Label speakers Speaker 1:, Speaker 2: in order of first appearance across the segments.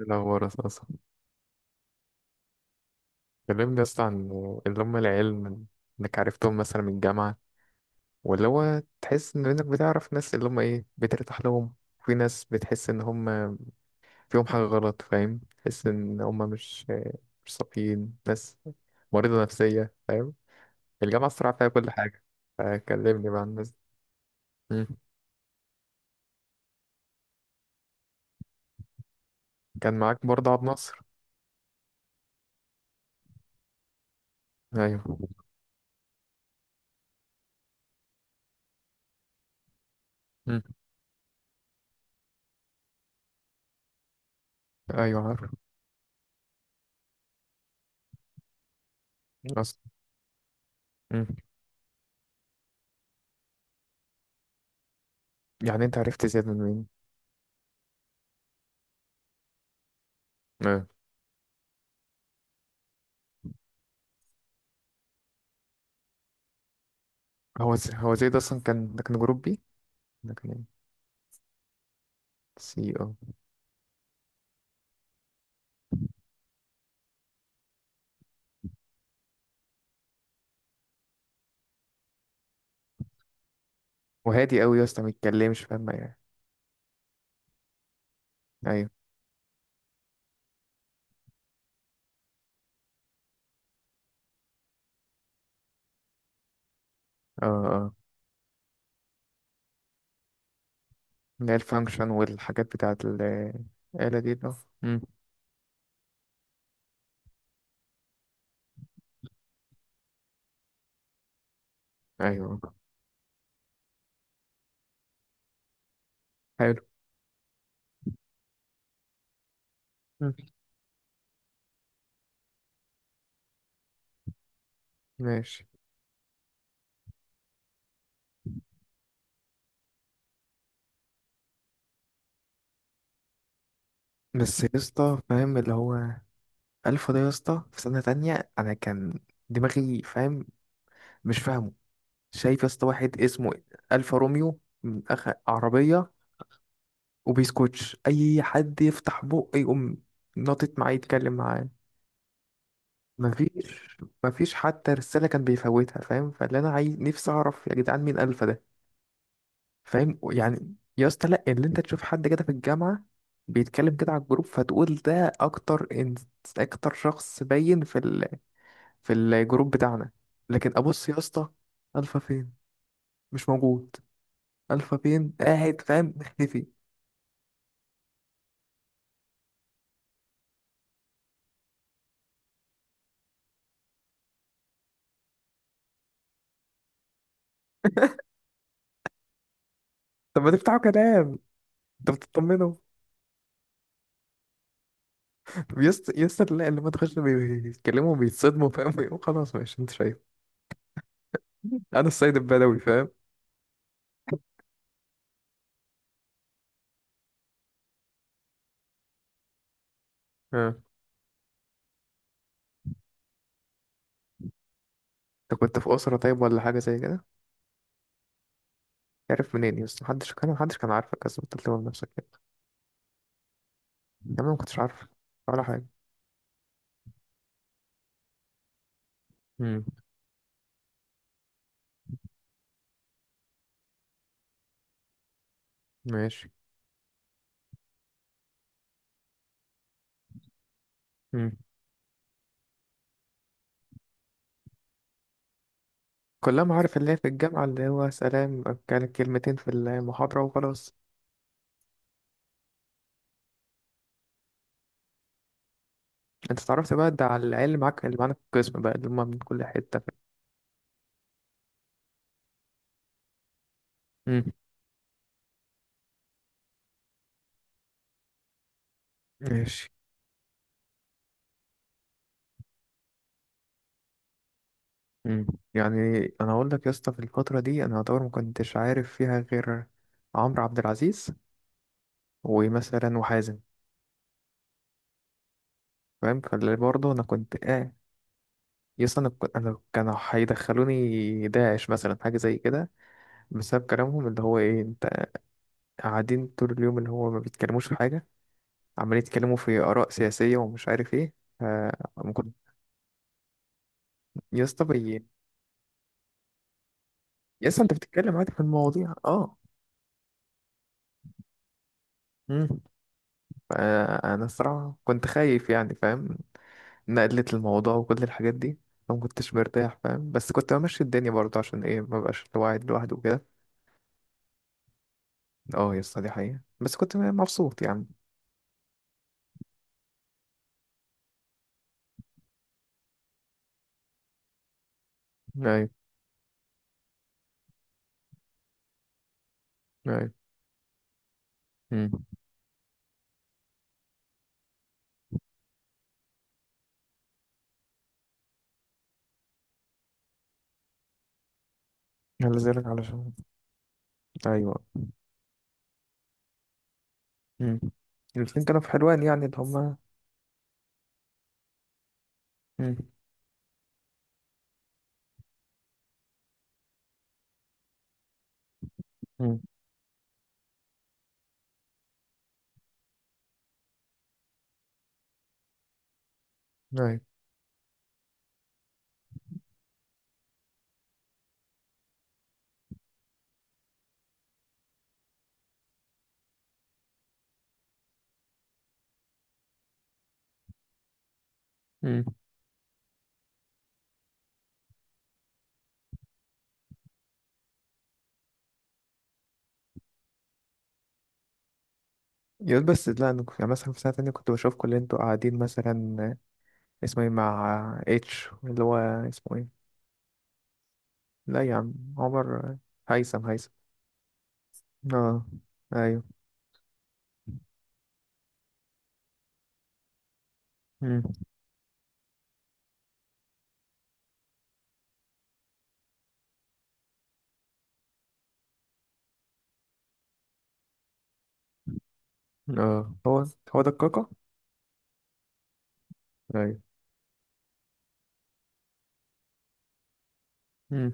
Speaker 1: إيه الأخبار يا صاصة؟ كلمني يا اسطى عن اللي هم العيال إنك عرفتهم مثلا من الجامعة، ولا هو تحس إن إنك بتعرف ناس اللي هم إيه بترتاح لهم. في ناس بتحس إن هم فيهم حاجة غلط، فاهم؟ تحس إن هم مش صافيين، ناس مريضة نفسية، فاهم؟ الجامعة الصراحة فيها كل حاجة، فكلمني بقى عن الناس دي. مم. كان معاك برضه عبد الناصر؟ أيوه. مم. أيوه عارف. أصلا. مم. يعني أنت عرفت زياد من مين؟ آه. هو هو زياد أصلا كان، ده كان جروب بي، ده كان إيه؟ سي، اه. وهادي قوي يا اسطى، ما يتكلمش فاهم يعني. ايوه. اه. اه اللي هي الفانكشن والحاجات بتاعت الآلة دي ده. مم. ايوه. حلو. مم. ماشي. بس يا اسطى فاهم اللي هو ألف ده، يا اسطى في سنة تانية أنا كان دماغي فاهم، مش فاهمه. شايف يا اسطى واحد اسمه ألفا روميو من أخ عربية، وبيسكوتش أي حد يفتح بقه يقوم ناطط معاه يتكلم معاه. مفيش، مفيش حتى رسالة كان بيفوتها فاهم. فاللي أنا عايز نفسي أعرف يا جدعان، مين ألفا ده؟ فاهم يعني يا اسطى، لأ اللي أنت تشوف حد كده في الجامعة بيتكلم كده على الجروب، فتقول ده أكتر إن... أكتر شخص باين في ال... في الجروب بتاعنا. لكن أبص يا اسطى، ألفا فين؟ مش موجود. ألفا فين قاعد فاهم، مختفي. طب ما تفتحوا كلام، انت بتطمنوا؟ يا اسطى يا اسطى لا، اللي ما تخش بيتكلموا بيتصدموا فاهم، بيقولوا خلاص ماشي انت شايف. انا السيد البدوي فاهم. اه. انت كنت في أسرة طيب ولا حاجة زي كده؟ عارف منين يا اسطى؟ محدش كان، محدش كان عارفك، بس كنت بتلوم نفسك كده. يا عم ما كنتش عارفك ولا حاجة. امم. ماشي. امم. كلها معارف اللي هي في الجامعة، اللي هو سلام كانت كلمتين في المحاضرة وخلاص. انت اتعرفت بقى ده على العيال اللي معاك، اللي معانا في القسم بقى، اللي هما من كل حتة. امم. ماشي. امم. يعني انا اقول لك يا اسطى في الفترة دي انا اعتبر ما كنتش عارف فيها غير عمرو عبد العزيز، ومثلا وحازم. فاهم؟ فاللي برضه انا كنت قاعد. يس، انا كنت، انا كانوا هيدخلوني داعش مثلا حاجه زي كده، بسبب كلامهم اللي هو ايه. انت قاعدين طول اليوم اللي هو ما بيتكلموش في حاجه، عمالين يتكلموا في اراء سياسيه ومش عارف ايه. ف، ما كنت يا اسطى يا اسطى انت بتتكلم عادي في المواضيع. اه. امم. انا الصراحه كنت خايف يعني، فاهم؟ نقلت الموضوع وكل الحاجات دي، فما كنتش مرتاح فاهم، بس كنت بمشي الدنيا برضه عشان ايه ما بقاش قاعد لوحده وكده. اه يا اسطى دي حقيقه، بس كنت مبسوط يعني. ايوه. ايوه. مم. على ذلك علشان. ايوه. امم. الاثنين كانوا في حلوان يعني اللي هما. امم. امم. ايوه. امم. يقول بس لا انا كنت- يعني مثلا في سنه تانية كنت بشوفكم اللي انتوا قاعدين مثلا. اسمه ايه، مع اتش اللي هو اسمه ايه؟ لا يا عم عمر، هيثم هيثم. اه. ايوه. امم. اه هو. هو ده الكاكا. ايوه. امم.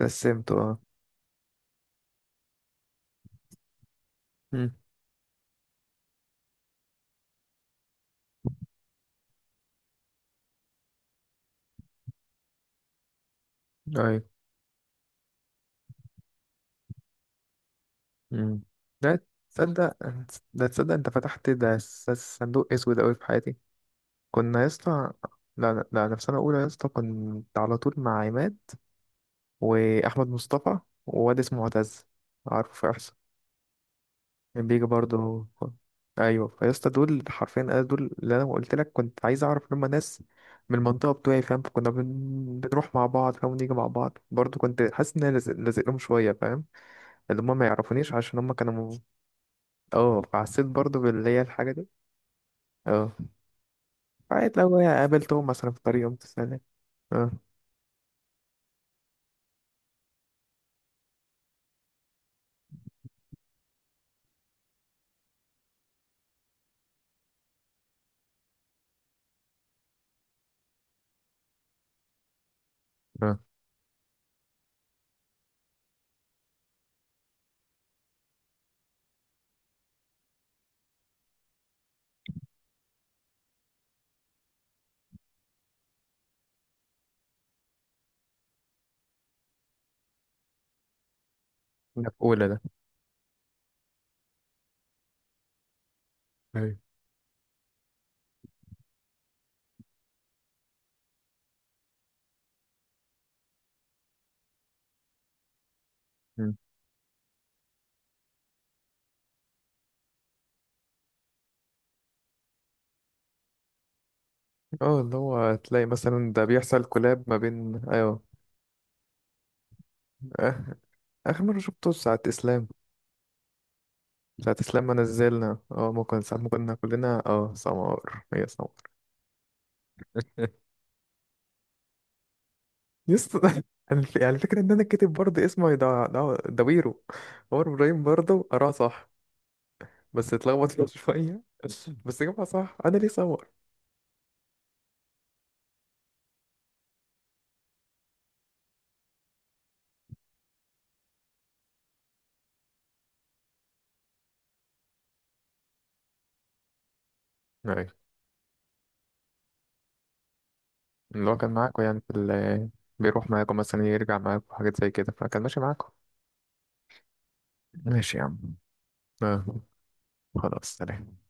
Speaker 1: رسمته اه. امم. ايوه. امم. ده تصدق، ده تصدق انت فتحت ده صندوق اسود اوي في حياتي. كنا يا اسطى، لا لا لا، أنا في سنة أولى يا اسطى كنت على طول مع عماد، وأحمد مصطفى، وواد اسمه معتز، عارفه في إحصاء. كان بيجي برضه. أيوه. فيا اسطى دول حرفيا، أنا دول اللي أنا قلت لك كنت عايز أعرف لما ناس من المنطقة بتوعي فاهم. فكنا بنروح مع بعض فاهم، ونيجي مع بعض برضه. كنت حاسس إن أنا لازق لهم شوية فاهم، اللي هما ما يعرفونيش عشان هما كانوا م-. اه، فحسيت برضه باللي هي الحاجة دي. اه. عادي لو قابلتهم مثلا في طريقهم تسألني. اه. اه. ده في أولى ده. ايوه. مم. اه اللي هو تلاقي مثلا ده بيحصل كولاب ما بين، ايوه. آه. اخر مره شفته ساعه اسلام. ساعه اسلام ما نزلنا، اه ممكن ساعه، ممكن كنا كلنا اه سمار، هي سمار. يسطا يعني يعني الفكره ان انا كاتب برضه اسمه ده دويرو، عمر ابراهيم برضه قراه صح بس اتلخبط فيه شويه. بس جابها صح، انا ليه سمار. ايوه. اللي هو كان معاكم يعني في ال، بيروح معاكم مثلا يرجع معاكم حاجات زي كده، فكان ماشي معاكم. ماشي يا عم. آه. خلاص سلام.